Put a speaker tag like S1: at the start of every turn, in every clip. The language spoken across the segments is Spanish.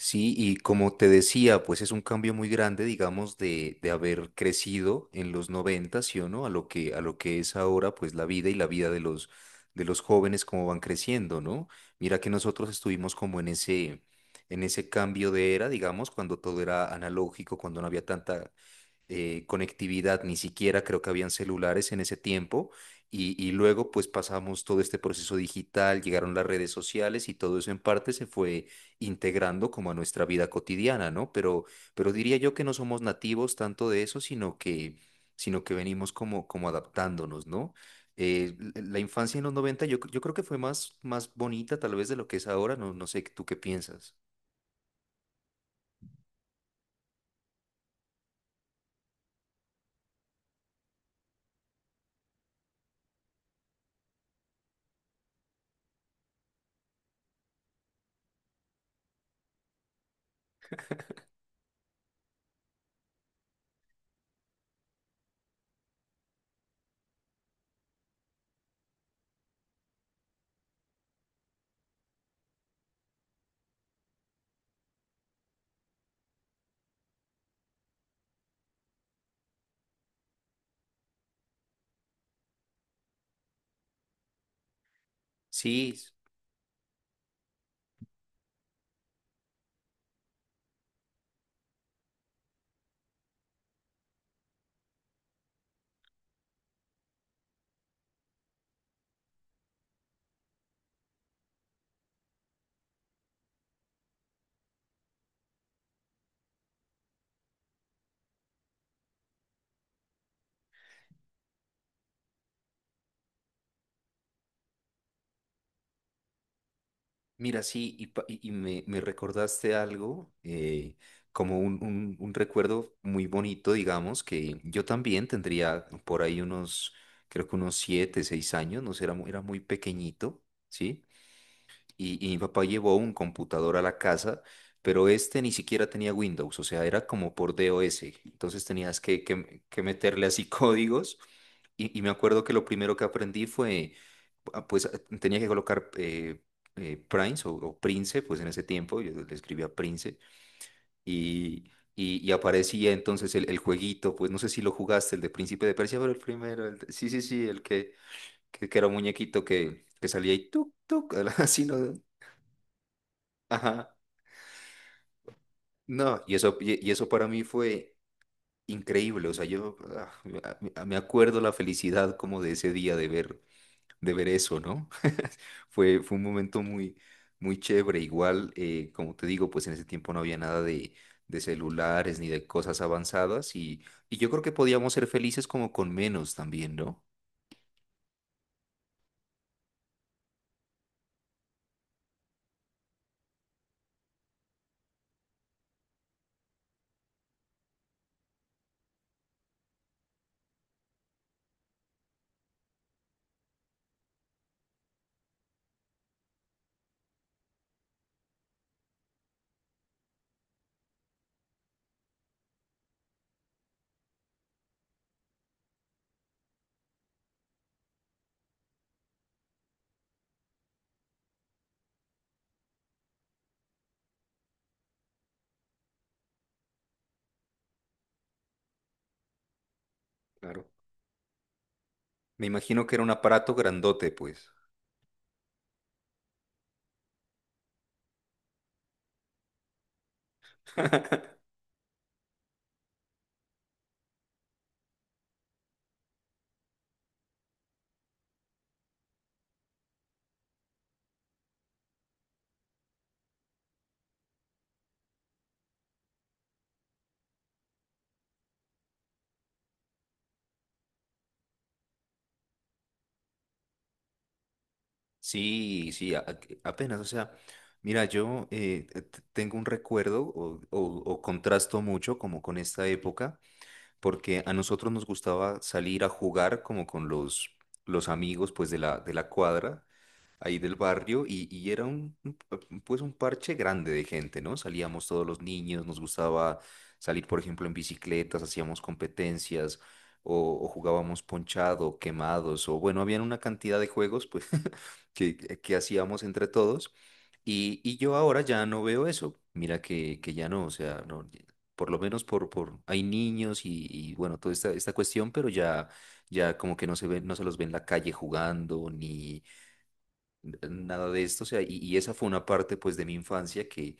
S1: Sí, y como te decía, pues es un cambio muy grande, digamos, de haber crecido en los 90, ¿sí o no? A lo que es ahora, pues la vida y la vida de los, jóvenes, cómo van creciendo, ¿no? Mira que nosotros estuvimos como en ese cambio de era, digamos, cuando todo era analógico, cuando no había tanta conectividad, ni siquiera creo que habían celulares en ese tiempo. Y luego pues pasamos todo este proceso digital, llegaron las redes sociales y todo eso en parte se fue integrando como a nuestra vida cotidiana, ¿no? Pero diría yo que no somos nativos tanto de eso, sino que venimos como adaptándonos, ¿no? La infancia en los 90 yo creo que fue más bonita tal vez de lo que es ahora, no, no sé. ¿Tú qué piensas? Sí. Mira, sí, y me recordaste algo, como un recuerdo muy bonito, digamos, que yo también tendría por ahí creo que unos 7, 6 años, no sé, era muy pequeñito, ¿sí? Y mi papá llevó un computador a la casa, pero este ni siquiera tenía Windows, o sea, era como por DOS. Entonces tenías que meterle así códigos. Y me acuerdo que lo primero que aprendí fue, pues tenía que colocar Prince o Prince, pues en ese tiempo yo le escribía Prince y, y aparecía entonces el jueguito, pues no sé si lo jugaste, el de Príncipe de Persia, pero el primero, sí, sí, sí, el que era un muñequito que salía y tuk, tuk, así, ¿no? Ajá. No, y eso para mí fue increíble. O sea, yo me acuerdo la felicidad como de ese día de ver, eso, ¿no? Fue un momento muy, muy chévere. Igual, como te digo, pues en ese tiempo no había nada de, celulares ni de cosas avanzadas y yo creo que podíamos ser felices como con menos también, ¿no? Claro. Me imagino que era un aparato grandote, pues. Sí, sí, apenas, o sea, mira, yo tengo un recuerdo o contrasto mucho como con esta época, porque a nosotros nos gustaba salir a jugar como con los amigos pues de la, cuadra, ahí del barrio y era un pues un parche grande de gente, ¿no? Salíamos todos los niños, nos gustaba salir, por ejemplo, en bicicletas, hacíamos competencias o jugábamos ponchado, quemados, o bueno, habían una cantidad de juegos pues que hacíamos entre todos y yo ahora ya no veo eso, mira que ya no, o sea, no, por lo menos hay niños y bueno, toda esta cuestión, pero ya como que no se ven, no se los ve en la calle jugando, ni nada de esto. O sea, y esa fue una parte pues de mi infancia que,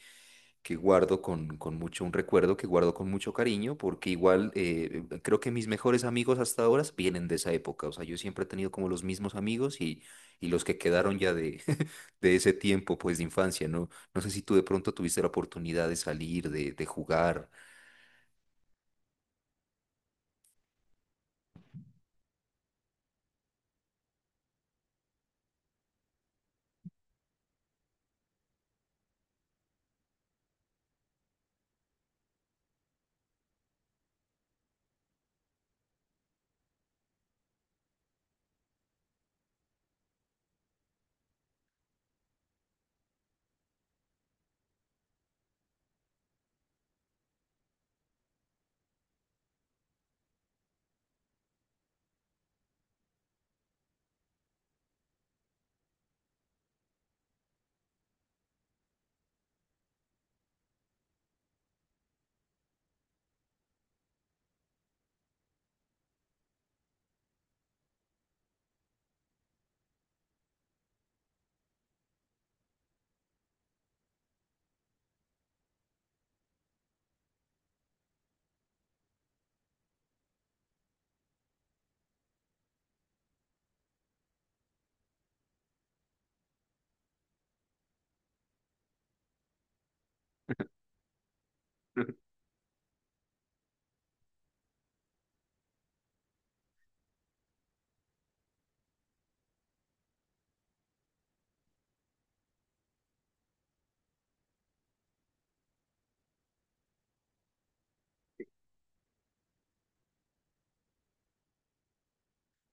S1: que guardo con mucho, un recuerdo que guardo con mucho cariño, porque igual creo que mis mejores amigos hasta ahora vienen de esa época. O sea, yo siempre he tenido como los mismos amigos y los que quedaron ya de ese tiempo pues de infancia, ¿no? No sé si tú de pronto tuviste la oportunidad de salir, de jugar.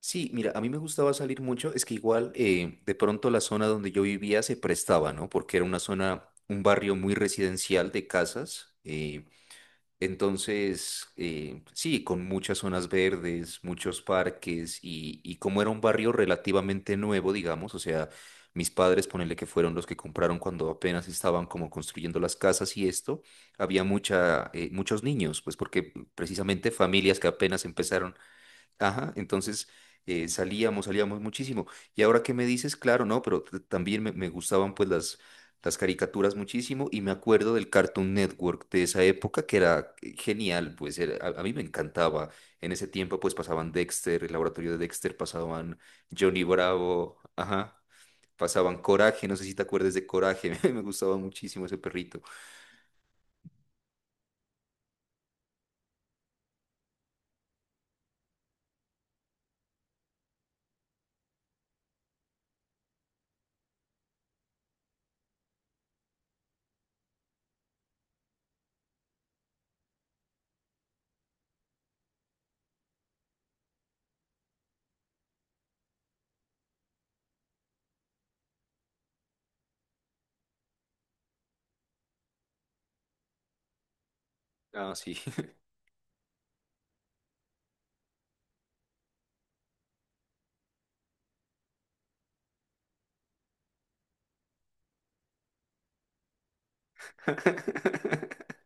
S1: Sí, mira, a mí me gustaba salir mucho, es que igual de pronto la zona donde yo vivía se prestaba, ¿no? Porque era una zona, un barrio muy residencial de casas. Entonces, sí, con muchas zonas verdes, muchos parques y como era un barrio relativamente nuevo, digamos, o sea, mis padres, ponele que fueron los que compraron cuando apenas estaban como construyendo las casas y esto, había muchos niños, pues porque precisamente familias que apenas empezaron. Ajá, entonces salíamos muchísimo. Y ahora que me dices, claro, no, pero también me gustaban pues las caricaturas muchísimo y me acuerdo del Cartoon Network de esa época que era genial, pues a mí me encantaba. En ese tiempo pues pasaban Dexter, el laboratorio de Dexter, pasaban Johnny Bravo, ajá, pasaban Coraje, no sé si te acuerdas de Coraje, me gustaba muchísimo ese perrito. Ah, sí.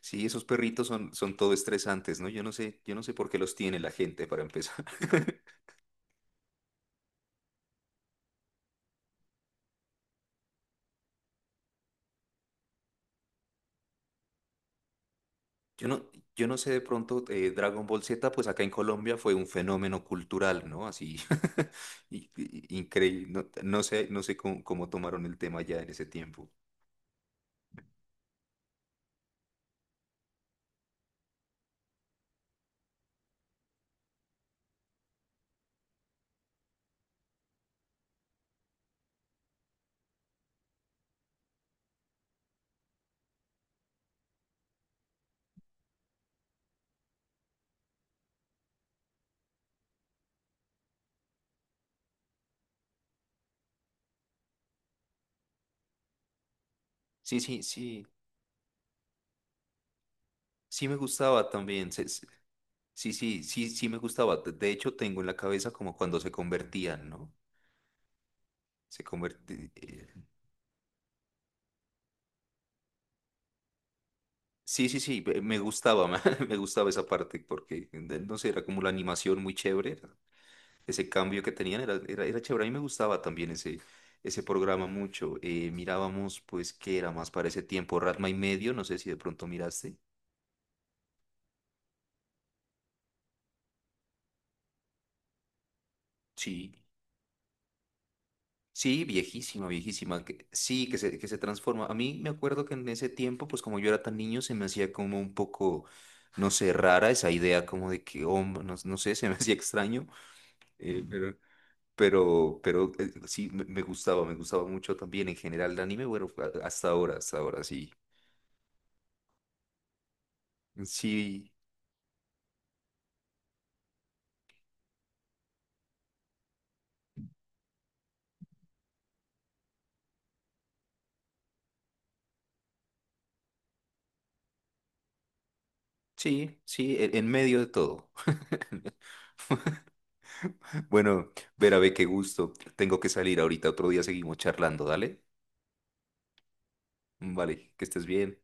S1: Sí, esos perritos son todo estresantes, ¿no? Yo no sé por qué los tiene la gente para empezar. Yo no, yo no sé de pronto, Dragon Ball Z, pues acá en Colombia fue un fenómeno cultural, ¿no? Así, increíble. No, no sé cómo tomaron el tema ya en ese tiempo. Sí, sí, sí, sí me gustaba también. Sí, sí, sí, sí me gustaba. De hecho, tengo en la cabeza como cuando se convertían, ¿no? Se convertían. Sí, sí, sí, me gustaba, me gustaba esa parte porque, no sé, era como la animación muy chévere, ese cambio que tenían era chévere, a mí me gustaba también ese programa mucho. Mirábamos, pues, ¿qué era más para ese tiempo? Ratma y medio, no sé si de pronto miraste. Sí. Sí, viejísima, viejísima, que, sí, que se transforma. A mí me acuerdo que en ese tiempo, pues como yo era tan niño, se me hacía como un poco, no sé, rara esa idea como de que, hombre, no, no sé, se me hacía extraño. Eh, pero sí, me gustaba, me gustaba mucho también en general el anime, bueno, hasta ahora, sí. Sí, sí, sí, en medio de todo. Bueno, Vera, ve qué gusto. Tengo que salir ahorita, otro día seguimos charlando, dale. Vale, que estés bien.